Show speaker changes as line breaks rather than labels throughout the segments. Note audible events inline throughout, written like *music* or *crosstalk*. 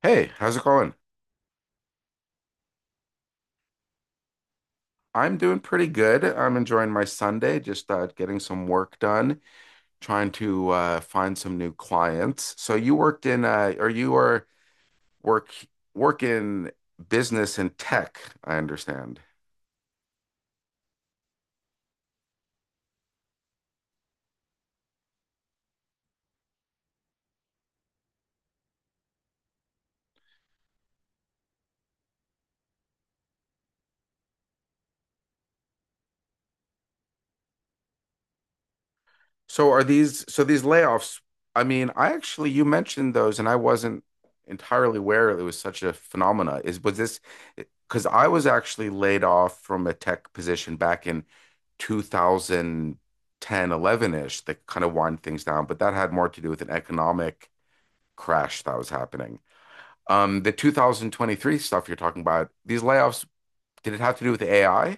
Hey, how's it going? I'm doing pretty good. I'm enjoying my Sunday, just getting some work done, trying to find some new clients. So you worked in, or you are work work in business and tech, I understand. So these layoffs? I mean, I actually you mentioned those, and I wasn't entirely aware it was such a phenomena. Is Was this because I was actually laid off from a tech position back in 2010, 11 ish? That kind of wind things down, but that had more to do with an economic crash that was happening. The 2023 stuff you're talking about, these layoffs, did it have to do with AI?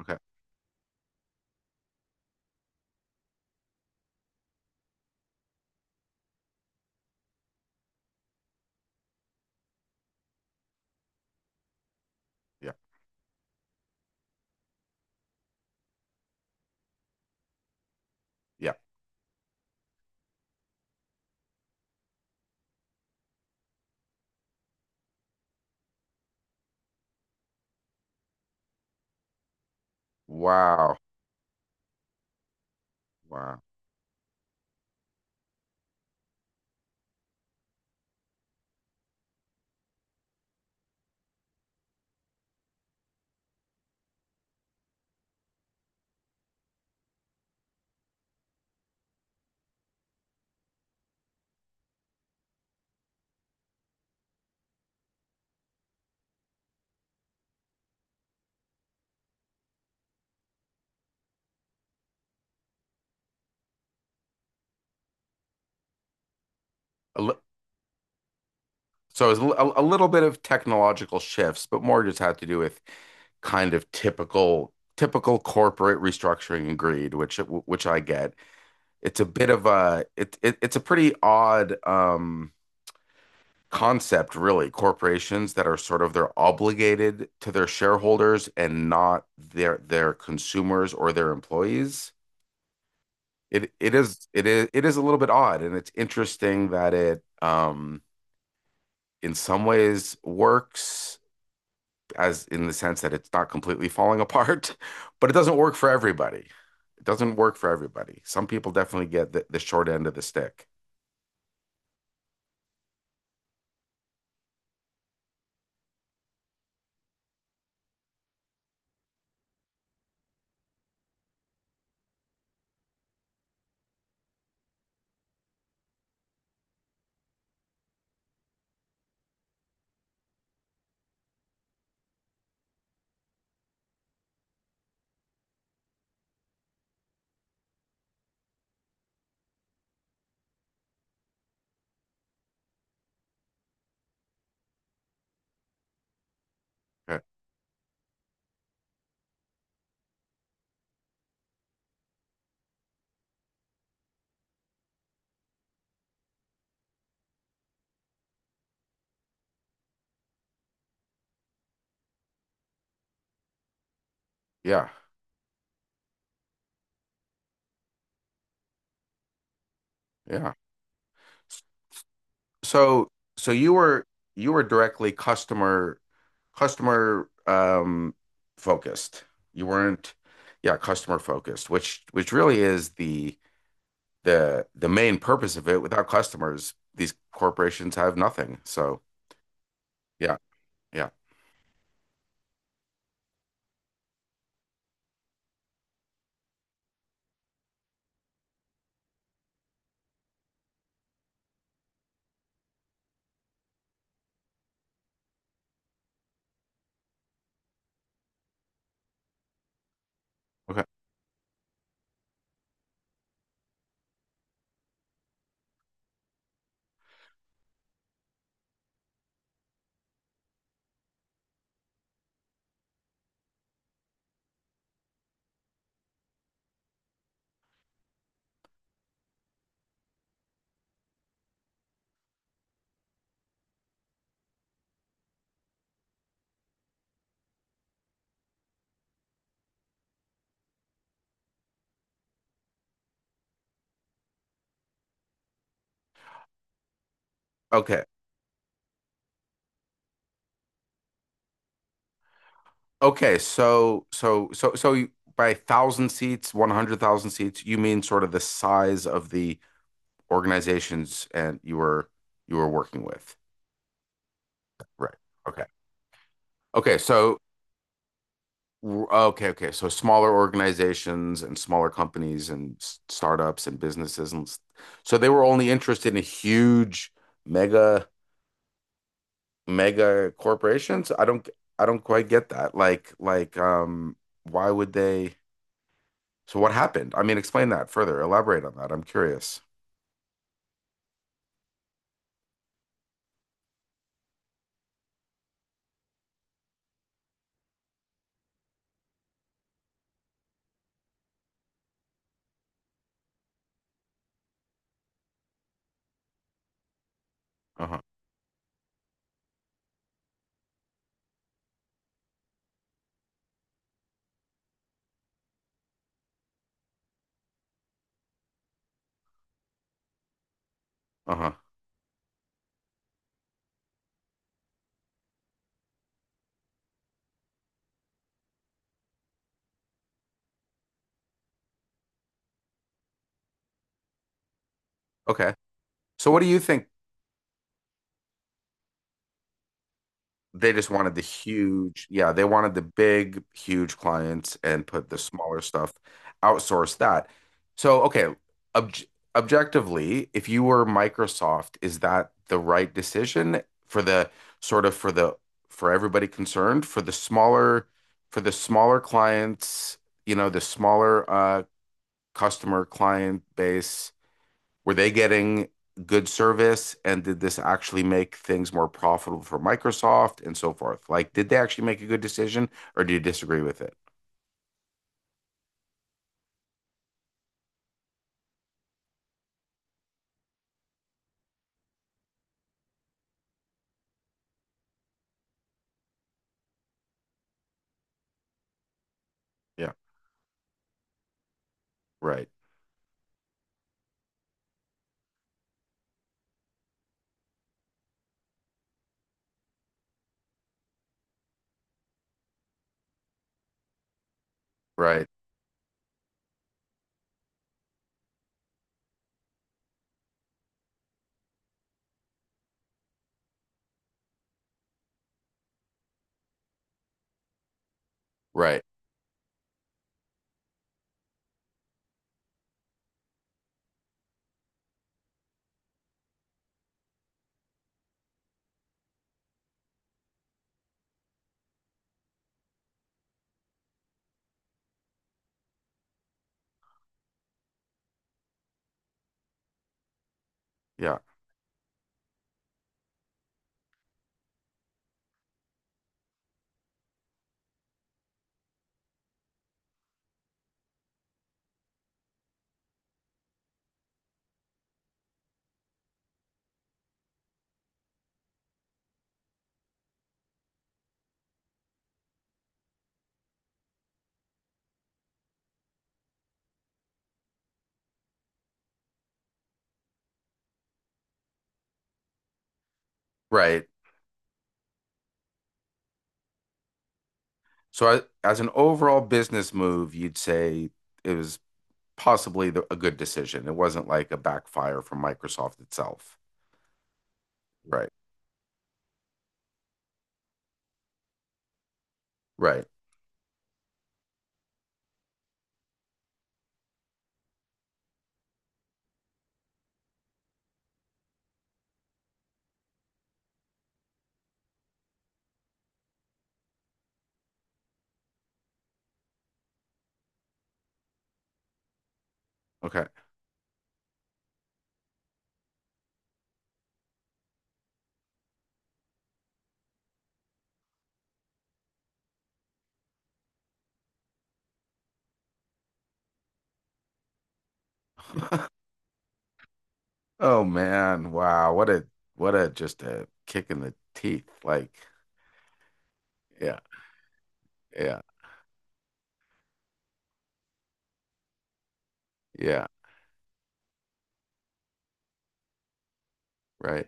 Okay. Yeah. Yeah. Wow. Wow. A li- So it was a little bit of technological shifts, but more just had to do with kind of typical corporate restructuring and greed, which I get. It's a bit of a it, it it's a pretty odd concept, really. Corporations that are sort of they're obligated to their shareholders and not their consumers or their employees. It is a little bit odd, and it's interesting that it in some ways works, as in the sense that it's not completely falling *laughs* apart, but it doesn't work for everybody. It doesn't work for everybody. Some people definitely get the short end of the stick. Yeah, yeah, yeah. So, so, you were directly customer customer um focused. You weren't, yeah, customer focused, which really is the main purpose of it. Without customers, these corporations have nothing. So, yeah, yeah. Okay. Okay. Okay, so you, by thousand seats, 100,000 seats, you mean sort of the size of the organizations, and you were working with. Right. Okay. Okay, so okay, okay. So smaller organizations and smaller companies and startups and businesses, and so they were only interested in huge mega mega corporations. I don't quite get that. Like why would they So what happened? I mean, explain that further. Elaborate on that. I'm curious. Uh-huh. Uh-huh. Okay. So what do you think? They just wanted the huge, yeah, they wanted the big, huge clients, and put the smaller stuff, outsource that. So, okay, obj objectively, if you were Microsoft, is that the right decision for the sort of for the for everybody concerned, for the smaller clients, you know, the smaller customer client base? Were they getting good service? And did this actually make things more profitable for Microsoft and so forth? Like, did they actually make a good decision, or do you disagree with it? Yeah. Right. Right. Right. Yeah. Right. So, I, as an overall business move, you'd say it was possibly a good decision. It wasn't like a backfire from Microsoft itself. Right. Right. Okay. *laughs* Oh man, wow. What a, just a kick in the teeth. Like, yeah, yeah, yeah. Right.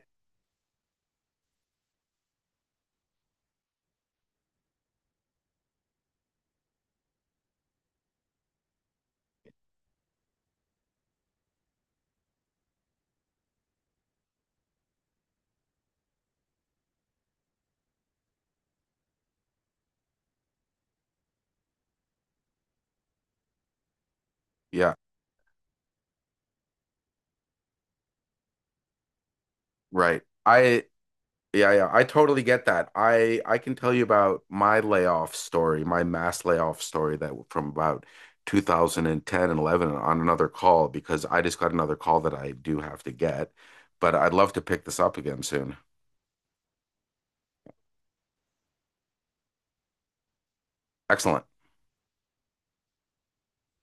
Yeah. Right. I Yeah, yeah. I totally get that. I can tell you about my layoff story, my mass layoff story, that from about 2010 and 11, on another call, because I just got another call that I do have to get, but I'd love to pick this up again soon. Excellent.